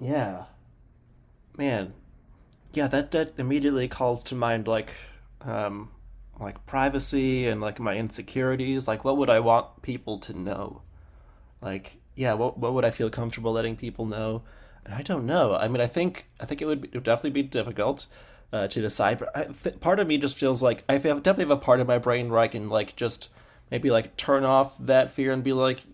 Yeah, man. Yeah, that immediately calls to mind um, like privacy and like my insecurities. Like, what would I want people to know? Like, yeah, what would I feel comfortable letting people know? And I don't know. I mean I think it would definitely be difficult to decide. But part of me just feels like I definitely have a part of my brain where I can like just maybe like turn off that fear and be like,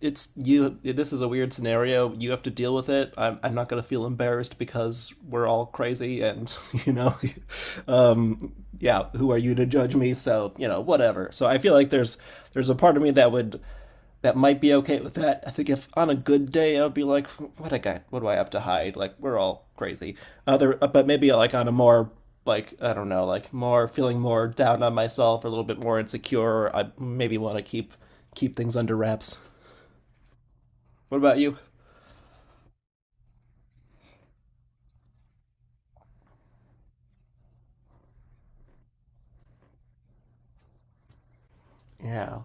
it's you, this is a weird scenario, you have to deal with it. I'm not going to feel embarrassed because we're all crazy and you know um yeah, who are you to judge me? So you know, whatever. So I feel like there's a part of me that would that might be okay with that. I think if on a good day, I'd be like, what do I have to hide? Like we're all crazy. Other, but maybe like on a more like, I don't know, like more feeling more down on myself, or a little bit more insecure. I maybe want to keep things under wraps. What about you? Yeah.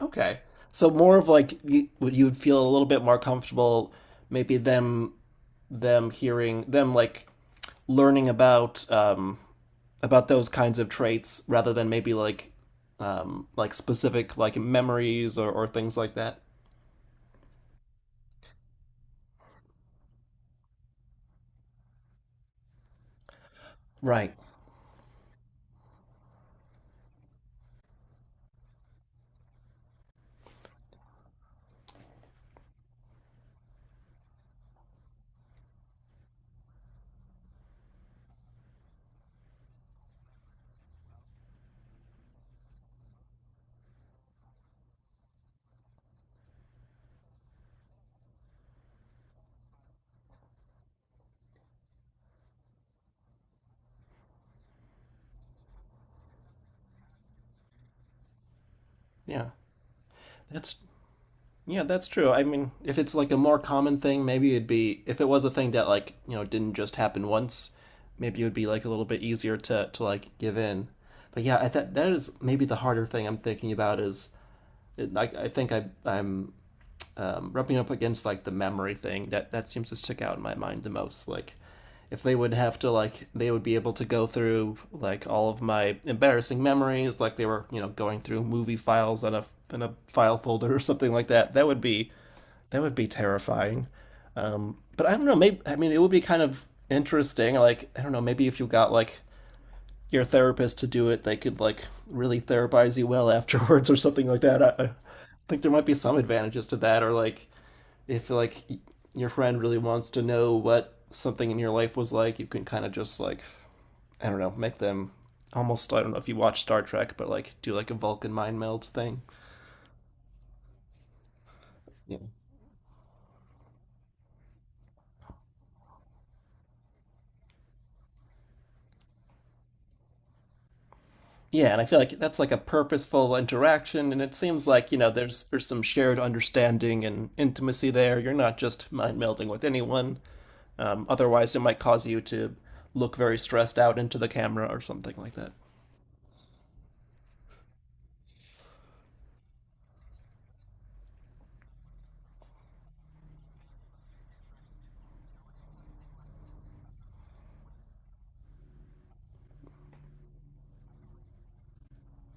Okay. So more of like, you, would you feel a little bit more comfortable maybe them hearing them like learning about those kinds of traits rather than maybe like specific like memories or things like that. Right. Yeah. That's yeah, that's true. I mean, if it's like a more common thing, maybe it'd be if it was a thing that like, you know, didn't just happen once, maybe it would be like a little bit easier to like give in. But yeah, that is maybe the harder thing I'm thinking about is I think I'm rubbing up against like the memory thing that seems to stick out in my mind the most. Like, if they would have to like, they would be able to go through like all of my embarrassing memories like they were, you know, going through movie files on a in a file folder or something like that. That would be that would be terrifying. But I don't know. Maybe, I mean, it would be kind of interesting. Like, I don't know, maybe if you got like your therapist to do it, they could like really therapize you well afterwards or something like that. I think there might be some advantages to that. Or like, if like your friend really wants to know what something in your life was like, you can kind of just like, I don't know, make them almost, I don't know if you watch Star Trek, but like do like a Vulcan mind meld thing. Yeah. Yeah, and I feel like that's like a purposeful interaction, and it seems like, you know, there's some shared understanding and intimacy there. You're not just mind melding with anyone. Otherwise, it might cause you to look very stressed out into the camera or something like that.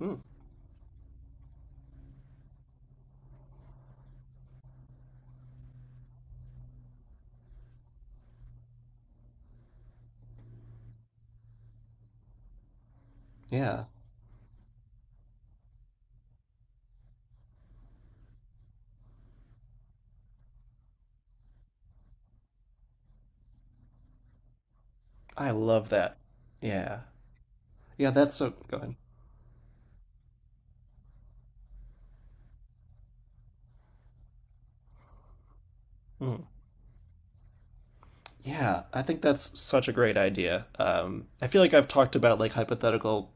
Mm, yeah, I love that. Yeah, yeah, that's so. Go ahead. Mm. Yeah, I think that's such a great idea. I feel like I've talked about like hypothetical,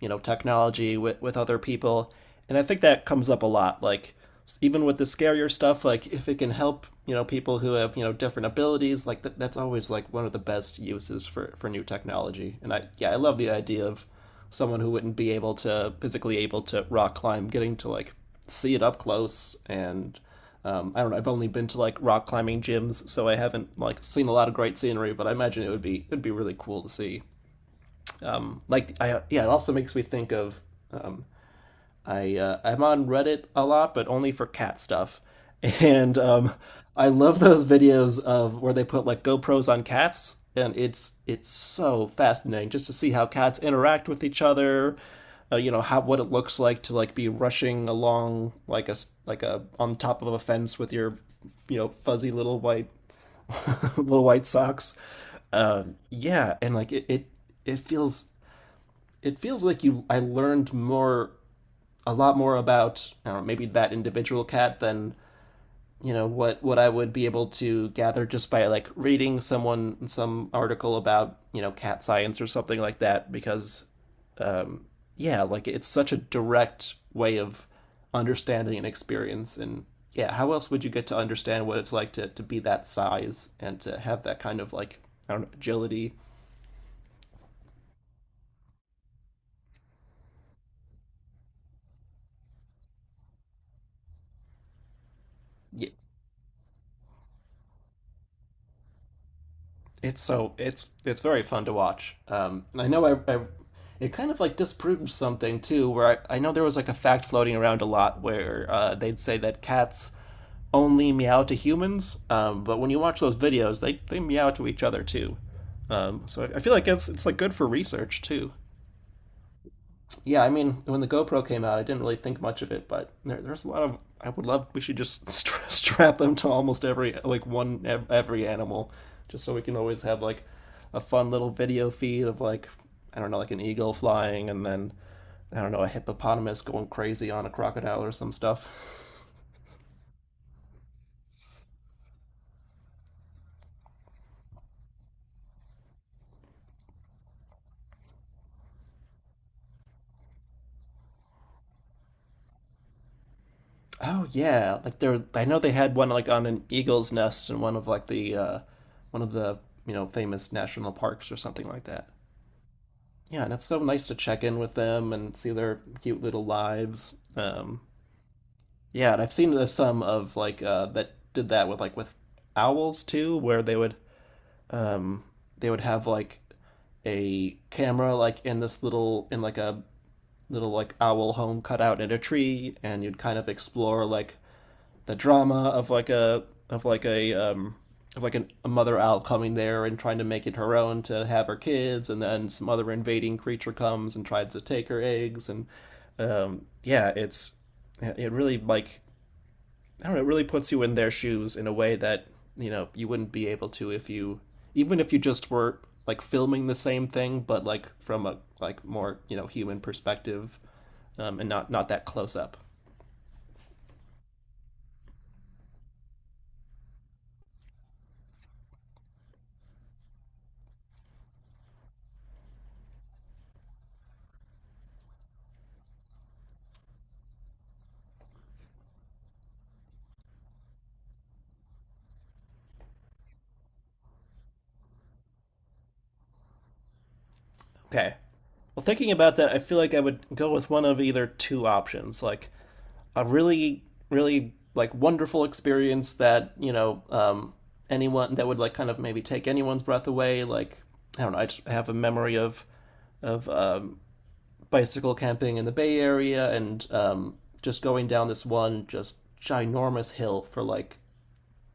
you know, technology with other people, and I think that comes up a lot. Like, even with the scarier stuff, like if it can help, you know, people who have, you know, different abilities, like that, that's always like one of the best uses for new technology. And I, yeah, I love the idea of someone who wouldn't be able to physically able to rock climb getting to like see it up close and, I don't know. I've only been to like rock climbing gyms, so I haven't like seen a lot of great scenery. But I imagine it would be, it'd be really cool to see. Like, I yeah, it also makes me think of, um, I I'm on Reddit a lot, but only for cat stuff, and, I love those videos of where they put like GoPros on cats, and it's so fascinating just to see how cats interact with each other. You know, how what it looks like to like be rushing along like like a, on top of a fence with your, you know, fuzzy little white little white socks. Yeah, and like it it feels it feels like you, I learned more, a lot more about, I don't know, maybe that individual cat than, you know, what I would be able to gather just by like reading someone some article about, you know, cat science or something like that because, um, yeah, like it's such a direct way of understanding an experience. And yeah, how else would you get to understand what it's like to be that size and to have that kind of like, I don't know, agility. Yeah. It's so, it's very fun to watch. And I know, I, it kind of like disproves something too, where I know there was like a fact floating around a lot where, they'd say that cats only meow to humans, but when you watch those videos, they meow to each other too. So I feel like it's like good for research too. Yeah, I mean, when the GoPro came out, I didn't really think much of it, but there's a lot of. I would love. We should just strap them to almost every like every animal, just so we can always have like a fun little video feed of like, I don't know, like an eagle flying, and then I don't know, a hippopotamus going crazy on a crocodile or some stuff. Oh yeah, like there. I know they had one like on an eagle's nest in one of like the, one of the, you know, famous national parks or something like that. Yeah, and it's so nice to check in with them and see their cute little lives. Yeah, and I've seen, some of like, that did that with like with owls too, where they would, um, they would have like a camera like in this little in like a little like owl home cut out in a tree, and you'd kind of explore like the drama of like a, of like a mother owl coming there and trying to make it her own to have her kids, and then some other invading creature comes and tries to take her eggs, and, yeah, it's yeah, it really like, I don't know, it really puts you in their shoes in a way that, you know, you wouldn't be able to if you, even if you just were like filming the same thing, but like from a like more, you know, human perspective, and not that close up. Okay. Well, thinking about that, I feel like I would go with one of either two options, like a really like wonderful experience that, you know, anyone that would like kind of maybe take anyone's breath away. Like, I don't know, I just have a memory of of um, bicycle camping in the Bay Area and, just going down this one just ginormous hill for like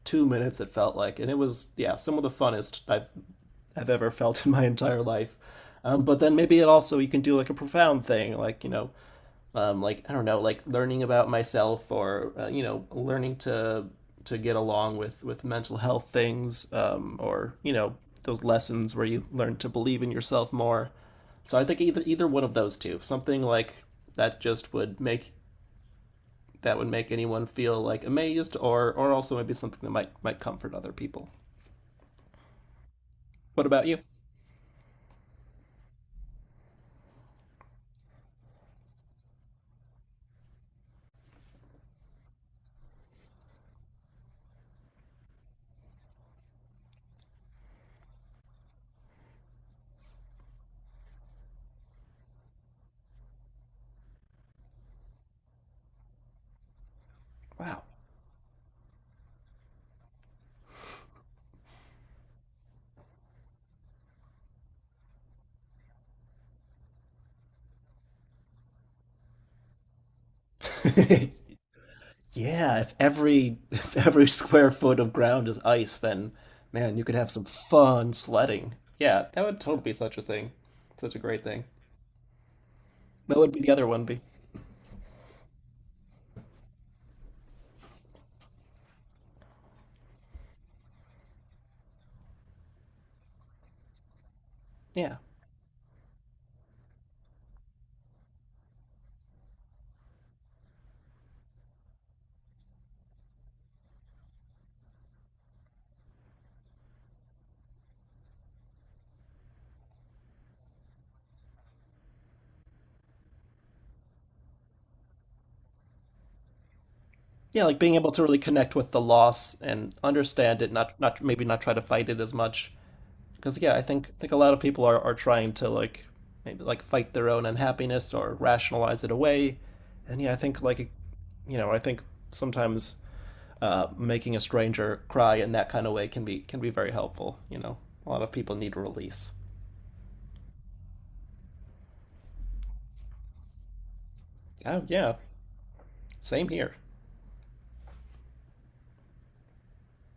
2 minutes, it felt like, and it was, yeah, some of the funnest I've ever felt in my entire life. But then maybe it also you can do like a profound thing, like, you know, like I don't know, like learning about myself or, you know, learning to get along with mental health things, or, you know, those lessons where you learn to believe in yourself more. So I think either one of those two, something like that, just would make that would make anyone feel like amazed or, also maybe something that might comfort other people. What about you? Wow. Yeah, if every if every square foot of ground is ice, then man, you could have some fun sledding. Yeah, that would totally be such a thing. Such a great thing. What would be the other one be. Yeah. Yeah, like being able to really connect with the loss and understand it, not maybe not try to fight it as much. Because yeah, I think a lot of people are trying to like maybe like fight their own unhappiness or rationalize it away. And yeah, I think like, you know, I think sometimes, making a stranger cry in that kind of way can be, very helpful. You know, a lot of people need release. Oh yeah, same here.